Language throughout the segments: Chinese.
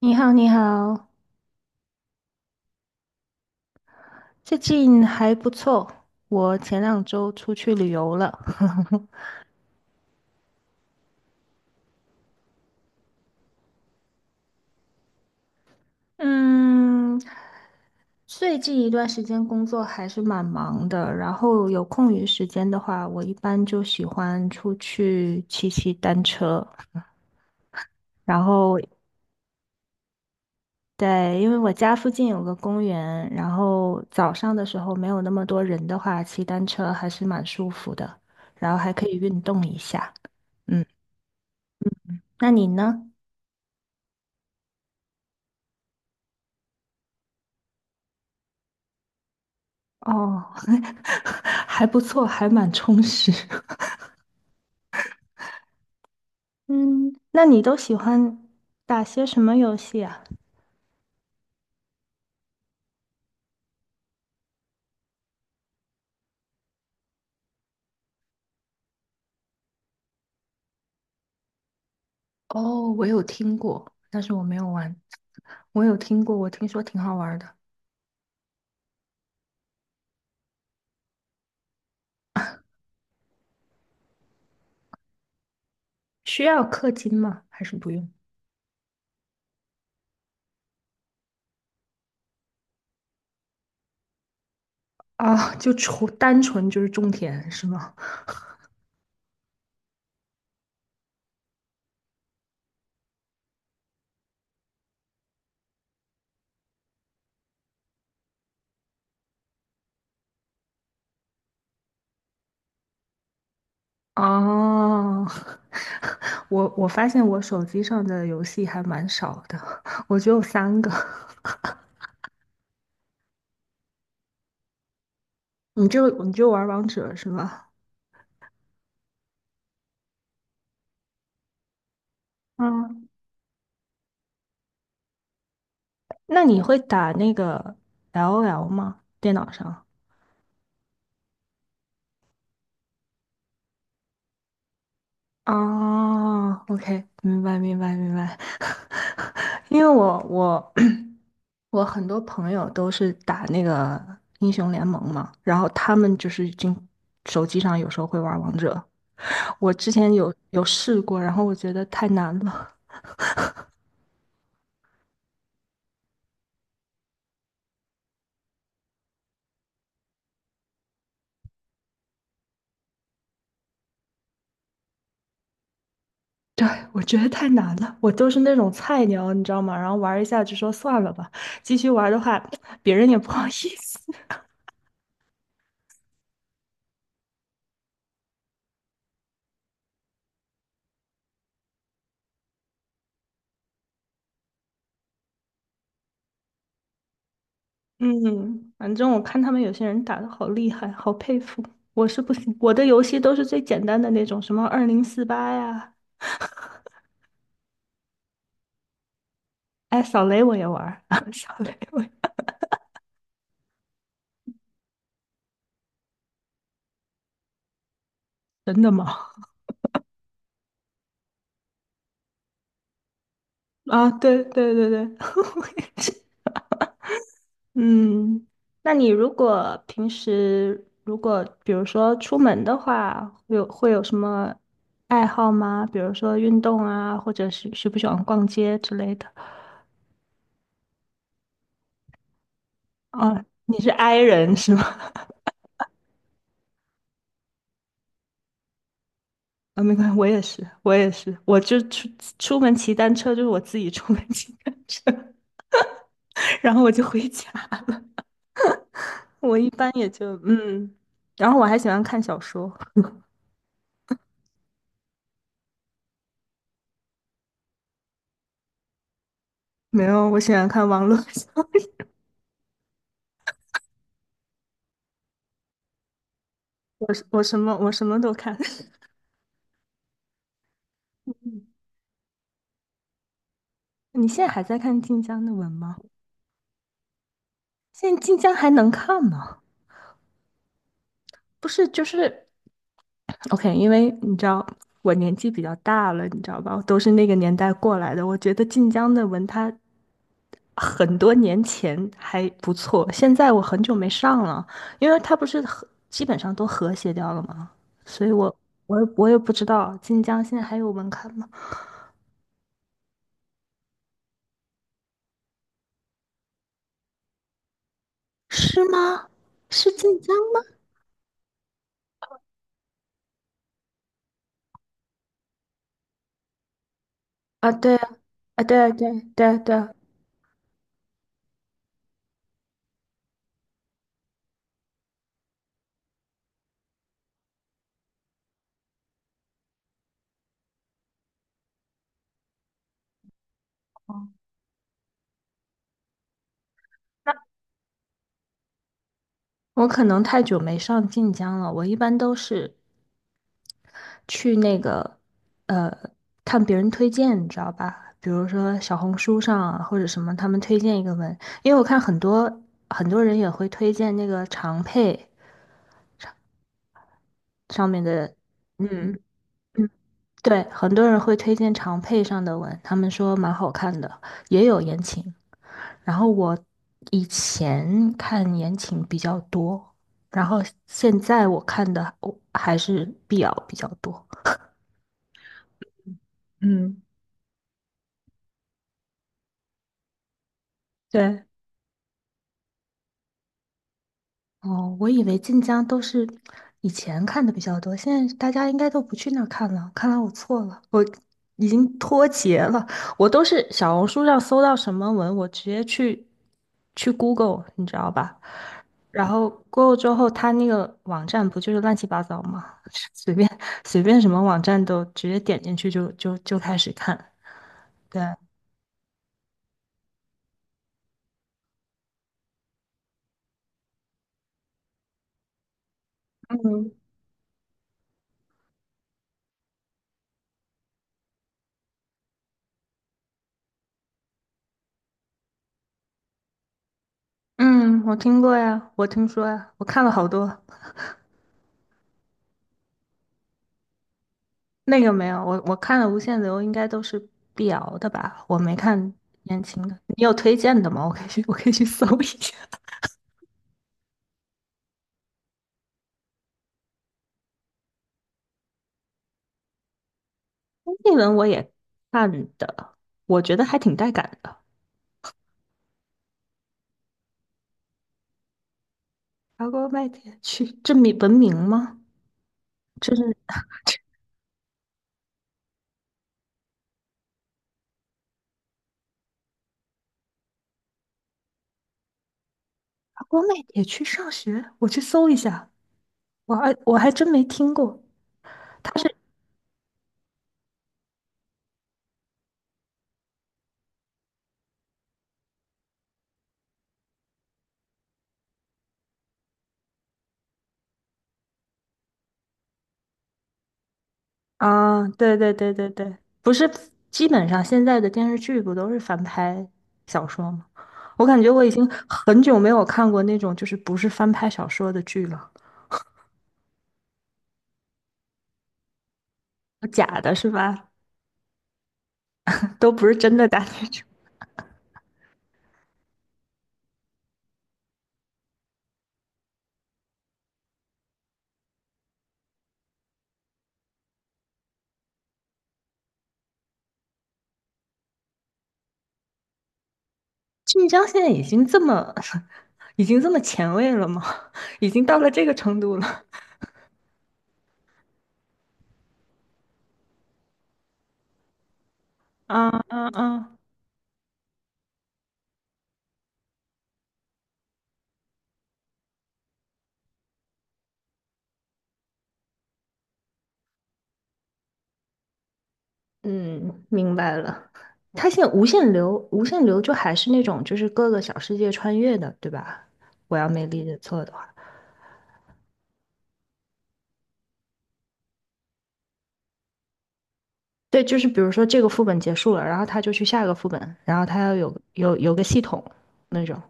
你好，你好，最近还不错。我前2周出去旅游了。嗯，最近一段时间工作还是蛮忙的，然后有空余时间的话，我一般就喜欢出去骑骑单车。然后，对，因为我家附近有个公园，然后早上的时候没有那么多人的话，骑单车还是蛮舒服的，然后还可以运动一下。嗯，那你呢？哦，还不错，还蛮充实。嗯，那你都喜欢打些什么游戏啊？哦，我有听过，但是我没有玩。我有听过，我听说挺好玩的。需要氪金吗？还是不用？啊，就单纯就是种田是吗？哦，我发现我手机上的游戏还蛮少的，我只有三个。你就玩王者是吗？那你会打那个 LOL 吗？电脑上？啊 OK 明白明白明白。因为我 我很多朋友都是打那个英雄联盟嘛，然后他们就是已经手机上有时候会玩王者。我之前有试过，然后我觉得太难了。对，我觉得太难了，我都是那种菜鸟，你知道吗？然后玩一下就说算了吧，继续玩的话，别人也不好意思。嗯，反正我看他们有些人打的好厉害，好佩服。我是不行，我的游戏都是最简单的那种，什么2048呀，哎，扫雷我也玩儿，扫雷我也真的吗？啊，对对对对，我也是。嗯，那你如果平时如果比如说出门的话，会有什么爱好吗？比如说运动啊，或者是喜不喜欢逛街之类的？啊，你是 I 人是吗？啊，没关系，我也是，我也是，我就出门骑单车，就是我自己出门骑单车，然后我就回家。我一般也就然后我还喜欢看小说，没有，我喜欢看网络小说，我什么都看。嗯你现在还在看晋江的文吗？现在晋江还能看吗？不是，就是 OK，因为你知道我年纪比较大了，你知道吧？我都是那个年代过来的。我觉得晋江的文它很多年前还不错，现在我很久没上了，因为它不是和基本上都和谐掉了吗？所以我也不知道晋江现在还有文刊吗？是吗？是晋江吗？啊，对啊，啊，对啊对啊对啊对啊我可能太久没上晋江了，我一般都是去那个呃看别人推荐，你知道吧？比如说小红书上啊，或者什么，他们推荐一个文，因为我看很多很多人也会推荐那个长佩上面的，嗯嗯，对，很多人会推荐长佩上的文，他们说蛮好看的，也有言情，然后我以前看言情比较多，然后现在我看的我还是 BL 比较多。嗯，对，哦，我以为晋江都是以前看的比较多，现在大家应该都不去那儿看了。看来我错了，我已经脱节了。我都是小红书上搜到什么文，我直接去 Google，你知道吧？然后 Google 之后，它那个网站不就是乱七八糟吗？随便随便什么网站都直接点进去就开始看。对，嗯嗯，我听过呀，我听说呀，我看了好多。那个没有，我看了《无限流》，应该都是碧瑶的吧？我没看言情的，你有推荐的吗？我可以去，我可以去搜一下。那文我也看的，我觉得还挺带感的。爬锅卖铁去，这名文明吗？这是 爬锅卖铁去上学，我去搜一下，我还真没听过。他是。啊，对对对对对，不是，基本上现在的电视剧不都是翻拍小说吗？我感觉我已经很久没有看过那种就是不是翻拍小说的剧了，假的是吧？都不是真的大那种。晋江现在已经这么，已经这么前卫了吗？已经到了这个程度了。啊啊啊！嗯，明白了。它现在无限流就还是那种就是各个小世界穿越的，对吧？我要没理解错的话。对，就是比如说这个副本结束了，然后他就去下一个副本，然后他要有个系统那种。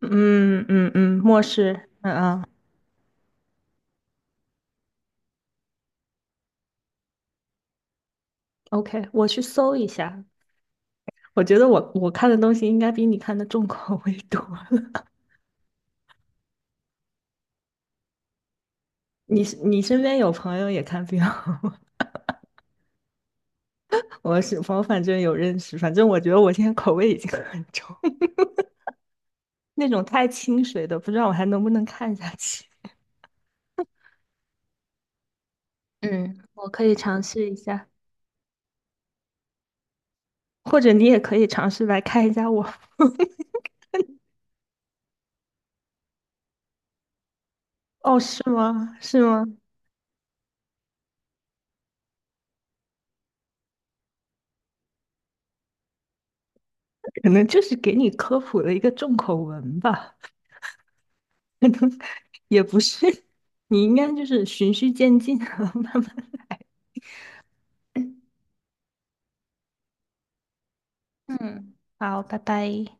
嗯嗯嗯，末世，嗯嗯，OK，我去搜一下。我觉得我看的东西应该比你看的重口味多了。你身边有朋友也看病，我反正有认识，反正我觉得我现在口味已经很重，那种太清水的，不知道我还能不能看下去。嗯，我可以尝试一下，或者你也可以尝试来看一下我。哦，是吗？是吗？可能就是给你科普了一个重口文吧，可能也不是，你应该就是循序渐进，慢慢。嗯，好，拜拜。